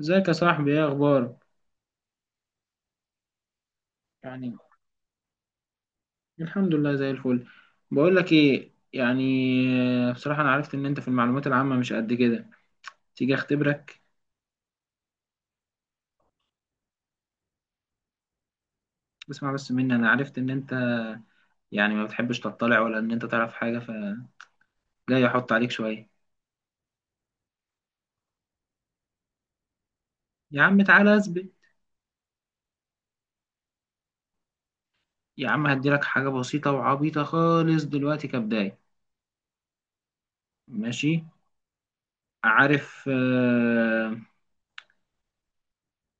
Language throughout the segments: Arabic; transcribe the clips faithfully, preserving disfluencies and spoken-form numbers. ازيك يا صاحبي؟ ايه اخبارك؟ يعني الحمد لله زي الفل. بقول لك ايه؟ يعني آه، بصراحة انا عرفت ان انت في المعلومات العامة مش قد كده. تيجي اختبرك؟ اسمع بس مني، انا عرفت ان انت يعني ما بتحبش تطلع، ولا ان انت تعرف حاجة. فجاي احط عليك شوية. يا عم تعالى اثبت. يا عم هديلك حاجة بسيطة وعبيطة خالص دلوقتي كبداية. ماشي. عارف آه،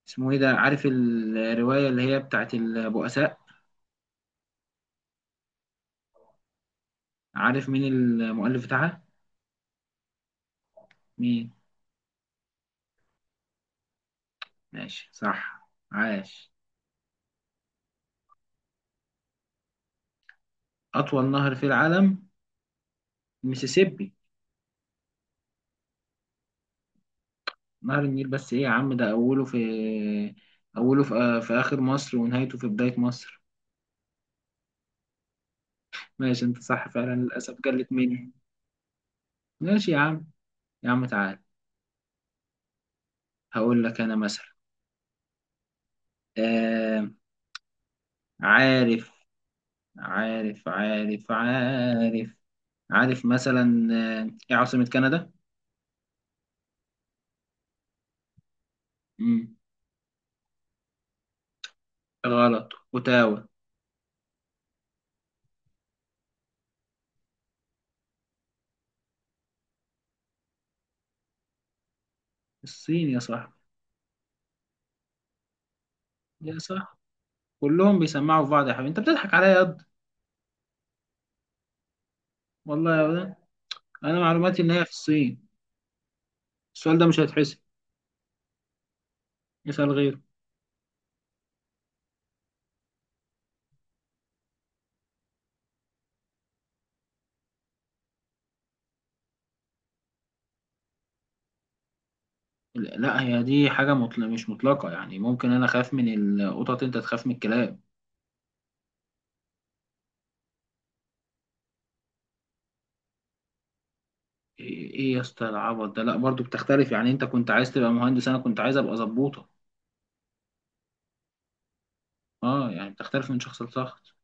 اسمه ايه ده؟ عارف الرواية اللي هي بتاعت البؤساء؟ عارف مين المؤلف بتاعها؟ مين؟ ماشي صح، عاش. أطول نهر في العالم ميسيسيبي. نهر النيل، بس إيه يا عم؟ ده أوله في أوله في, آه، في آخر مصر ونهايته في بداية مصر. ماشي أنت صح فعلا، للأسف جلت مني. ماشي يا عم. يا عم تعال، هقول لك أنا مثلا. آه. عارف عارف عارف عارف عارف مثلا، آه، إيه عاصمة كندا؟ مم. غلط، أوتاوا. الصين يا صاحبي. يا صاحبي كلهم بيسمعوا في بعض، يا حبيبي أنت بتضحك عليا. والله يا ولد، انا معلوماتي ان هي في الصين. السؤال ده مش هيتحسب، اسال غيره. لا لا، هي دي حاجه مطلق مش مطلقه، يعني ممكن انا اخاف من القطط انت تخاف من الكلاب. ايه إيه يا اسطى العبط ده، لا برضو بتختلف، يعني انت كنت عايز تبقى مهندس انا كنت عايز ابقى ظبوطه. اه، يعني بتختلف من شخص لشخص.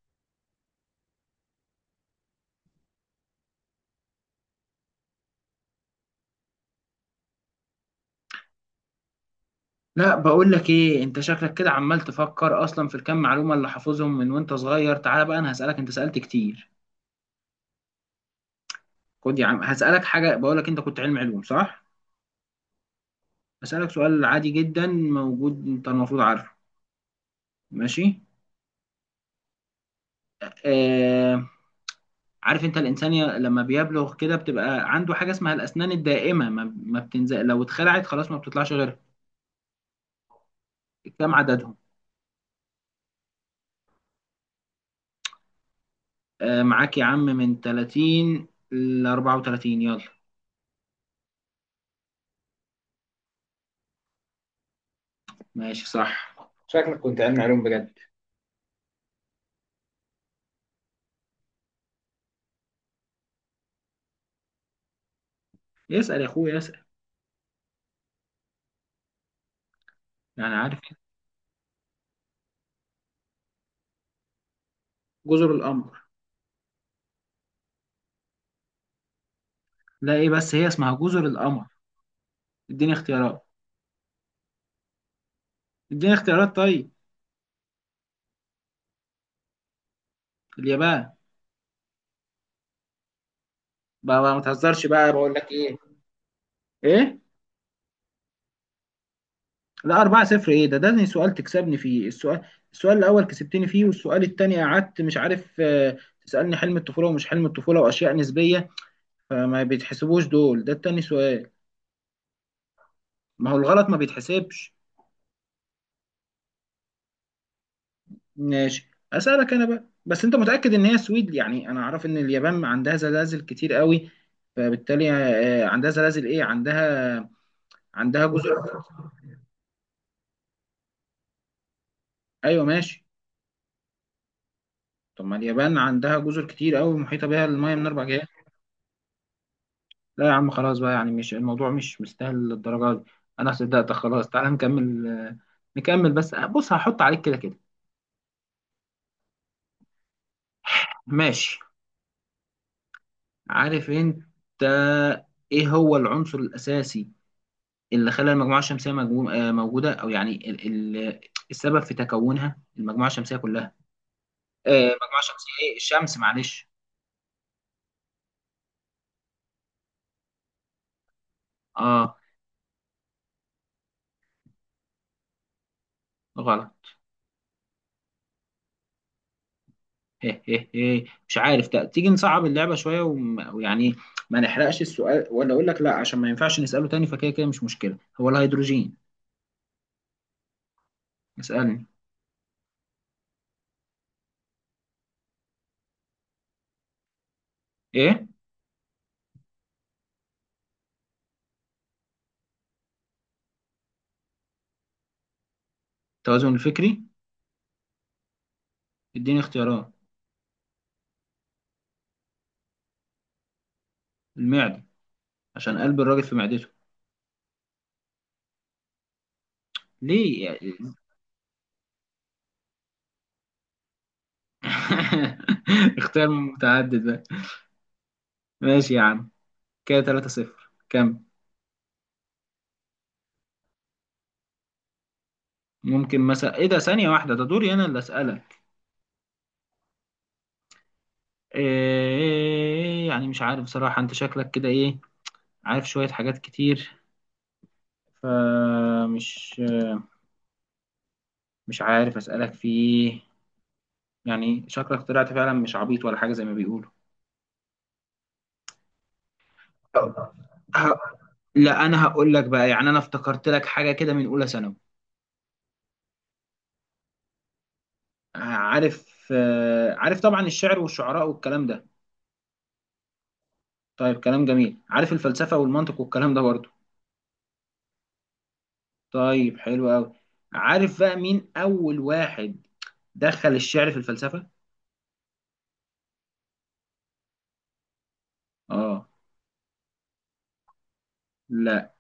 لا، بقول لك ايه، انت شكلك كده عمال تفكر اصلا في الكام معلومه اللي حافظهم من وانت صغير. تعالى بقى انا هسالك، انت سالت كتير. خد يا عم هسالك حاجه، بقول لك انت كنت علم علوم صح؟ هسالك سؤال عادي جدا موجود، انت المفروض عارفه. ماشي. آه. عارف انت الانسان ي- لما بيبلغ كده بتبقى عنده حاجه اسمها الاسنان الدائمه، ما, ما بتنزل، لو اتخلعت خلاص ما بتطلعش غيرها. كم عددهم؟ آه معاك يا عم، من تلاتين ل اربعة وتلاتين، يلا. ماشي صح. شكلك كنت علمي علوم بجد. يسأل يا اخويا يسأل. يعني عارف. جزر القمر. لا ايه، بس هي اسمها جزر القمر. اديني اختيارات. اديني اختيارات طيب. اليابان. بقى بقى ما تهزرش بقى، بقول لك ايه. ايه؟ لا، أربعة صفر ايه ده ده زي سؤال تكسبني فيه. السؤال السؤال الاول كسبتني فيه، والسؤال التاني قعدت مش عارف. آه، تسألني حلم الطفولة ومش حلم الطفولة واشياء نسبية، فما بيتحسبوش دول. ده التاني سؤال. ما هو الغلط ما بيتحسبش. ماشي، اسألك انا بقى. بس انت متأكد ان هي سويد؟ يعني انا اعرف ان اليابان عندها زلازل كتير قوي، فبالتالي آه، عندها زلازل، ايه عندها، عندها جزر. ايوه ماشي. طب ما اليابان عندها جزر كتير قوي محيطة بها المية من اربع جهات. لا يا عم خلاص بقى، يعني مش الموضوع، مش مستاهل للدرجة دي. انا صدقتك خلاص، تعالى نكمل آه، نكمل بس، آه، بص هحط عليك كده كده. ماشي. عارف انت ايه هو العنصر الاساسي اللي خلى المجموعة الشمسية مجمو- آه، موجودة؟ او يعني ال- ال- السبب في تكونها المجموعة الشمسية كلها. آه، المجموعة الشمسية ايه؟ الشمس معلش. اه. غلط. هيه هيه هيه. مش عارف. تا- تيجي نصعب اللعبة شوية وم- ويعني ما نحرقش السؤال، ولا أقول لك لا عشان ما ينفعش نسأله تاني، فكده كده مش مشكلة. هو الهيدروجين. اسألني. إيه؟ التوازن الفكري. اديني اختيارات. المعدة، عشان قلب الراجل في معدته. ليه يعني؟ اختيار متعدد بقى. ماشي يا عم. كده ثلاثة صفر كم؟ ممكن مثلا. ايه ده؟ ثانية واحدة، ده دوري انا اللي اسألك. إيه يعني؟ مش عارف بصراحة، انت شكلك كده ايه، عارف شوية حاجات كتير، فمش مش عارف أسألك في إيه. يعني شكلك طلعت فعلا مش عبيط ولا حاجة زي ما بيقولوا. ه... لا أنا هقول لك بقى، يعني أنا افتكرت لك حاجة كده من أولى ثانوي. عارف آه، عارف طبعا الشعر والشعراء والكلام ده. طيب كلام جميل. عارف الفلسفة والمنطق والكلام ده برضه؟ طيب حلو أوي. عارف بقى مين أول واحد دخل الشعر في الفلسفة؟ آه. لا.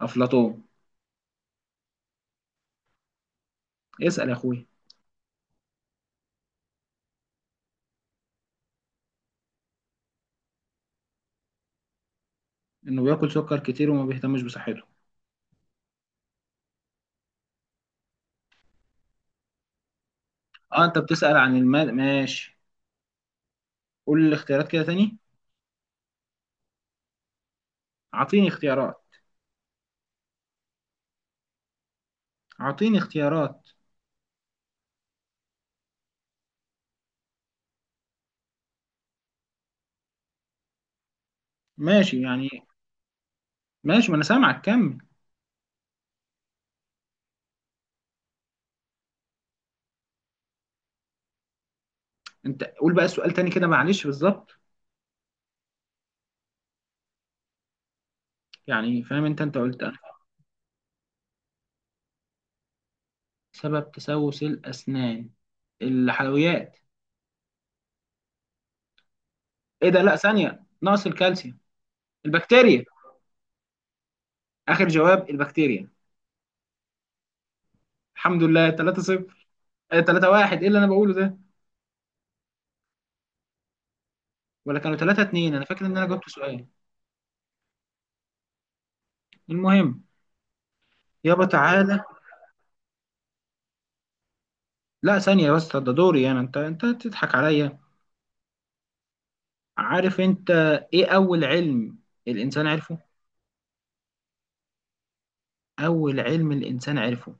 أفلاطون. اسأل يا أخويا. إنه بياكل سكر كتير وما بيهتمش بصحته. اه، انت بتسأل عن المال، ماشي. قول لي الاختيارات كده تاني. اعطيني اختيارات. اعطيني اختيارات. ماشي يعني. ماشي، ما انا سامعك كمل. انت قول بقى السؤال تاني كده معلش بالظبط، يعني فاهم انت انت قلت أنا. سبب تسوس الاسنان الحلويات. ايه ده لا، ثانية، نقص الكالسيوم، البكتيريا. اخر جواب البكتيريا. الحمد لله ثلاثة صفر. آه، ثلاثة واحد ايه اللي انا بقوله ده؟ ولا كانوا ثلاثة اتنين؟ انا فاكر ان انا جبت سؤال. المهم. يابا تعالى. لا ثانية بس، ده دوري انا، انت انت تضحك عليا. عارف انت ايه اول علم الانسان عرفه؟ اول علم الانسان عرفه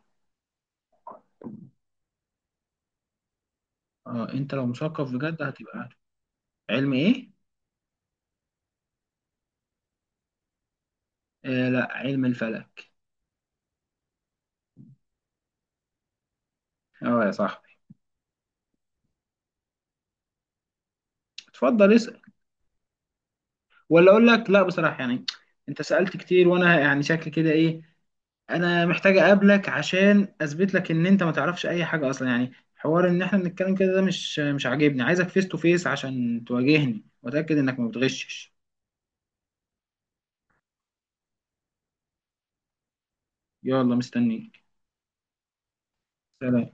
اه، انت لو مثقف بجد هتبقى عارف. علم ايه؟ آه لا، علم الفلك. اه يا صاحبي. اتفضل اسال. ولا اقول لك لا بصراحه، يعني انت سالت كتير وانا يعني شكل كده ايه. انا محتاج اقابلك عشان اثبت لك ان انت ما تعرفش اي حاجه اصلا، يعني حوار ان احنا بنتكلم كده ده مش مش عاجبني. عايزك فيس تو فيس عشان تواجهني واتاكد انك ما بتغشش. يلا مستنيك. سلام.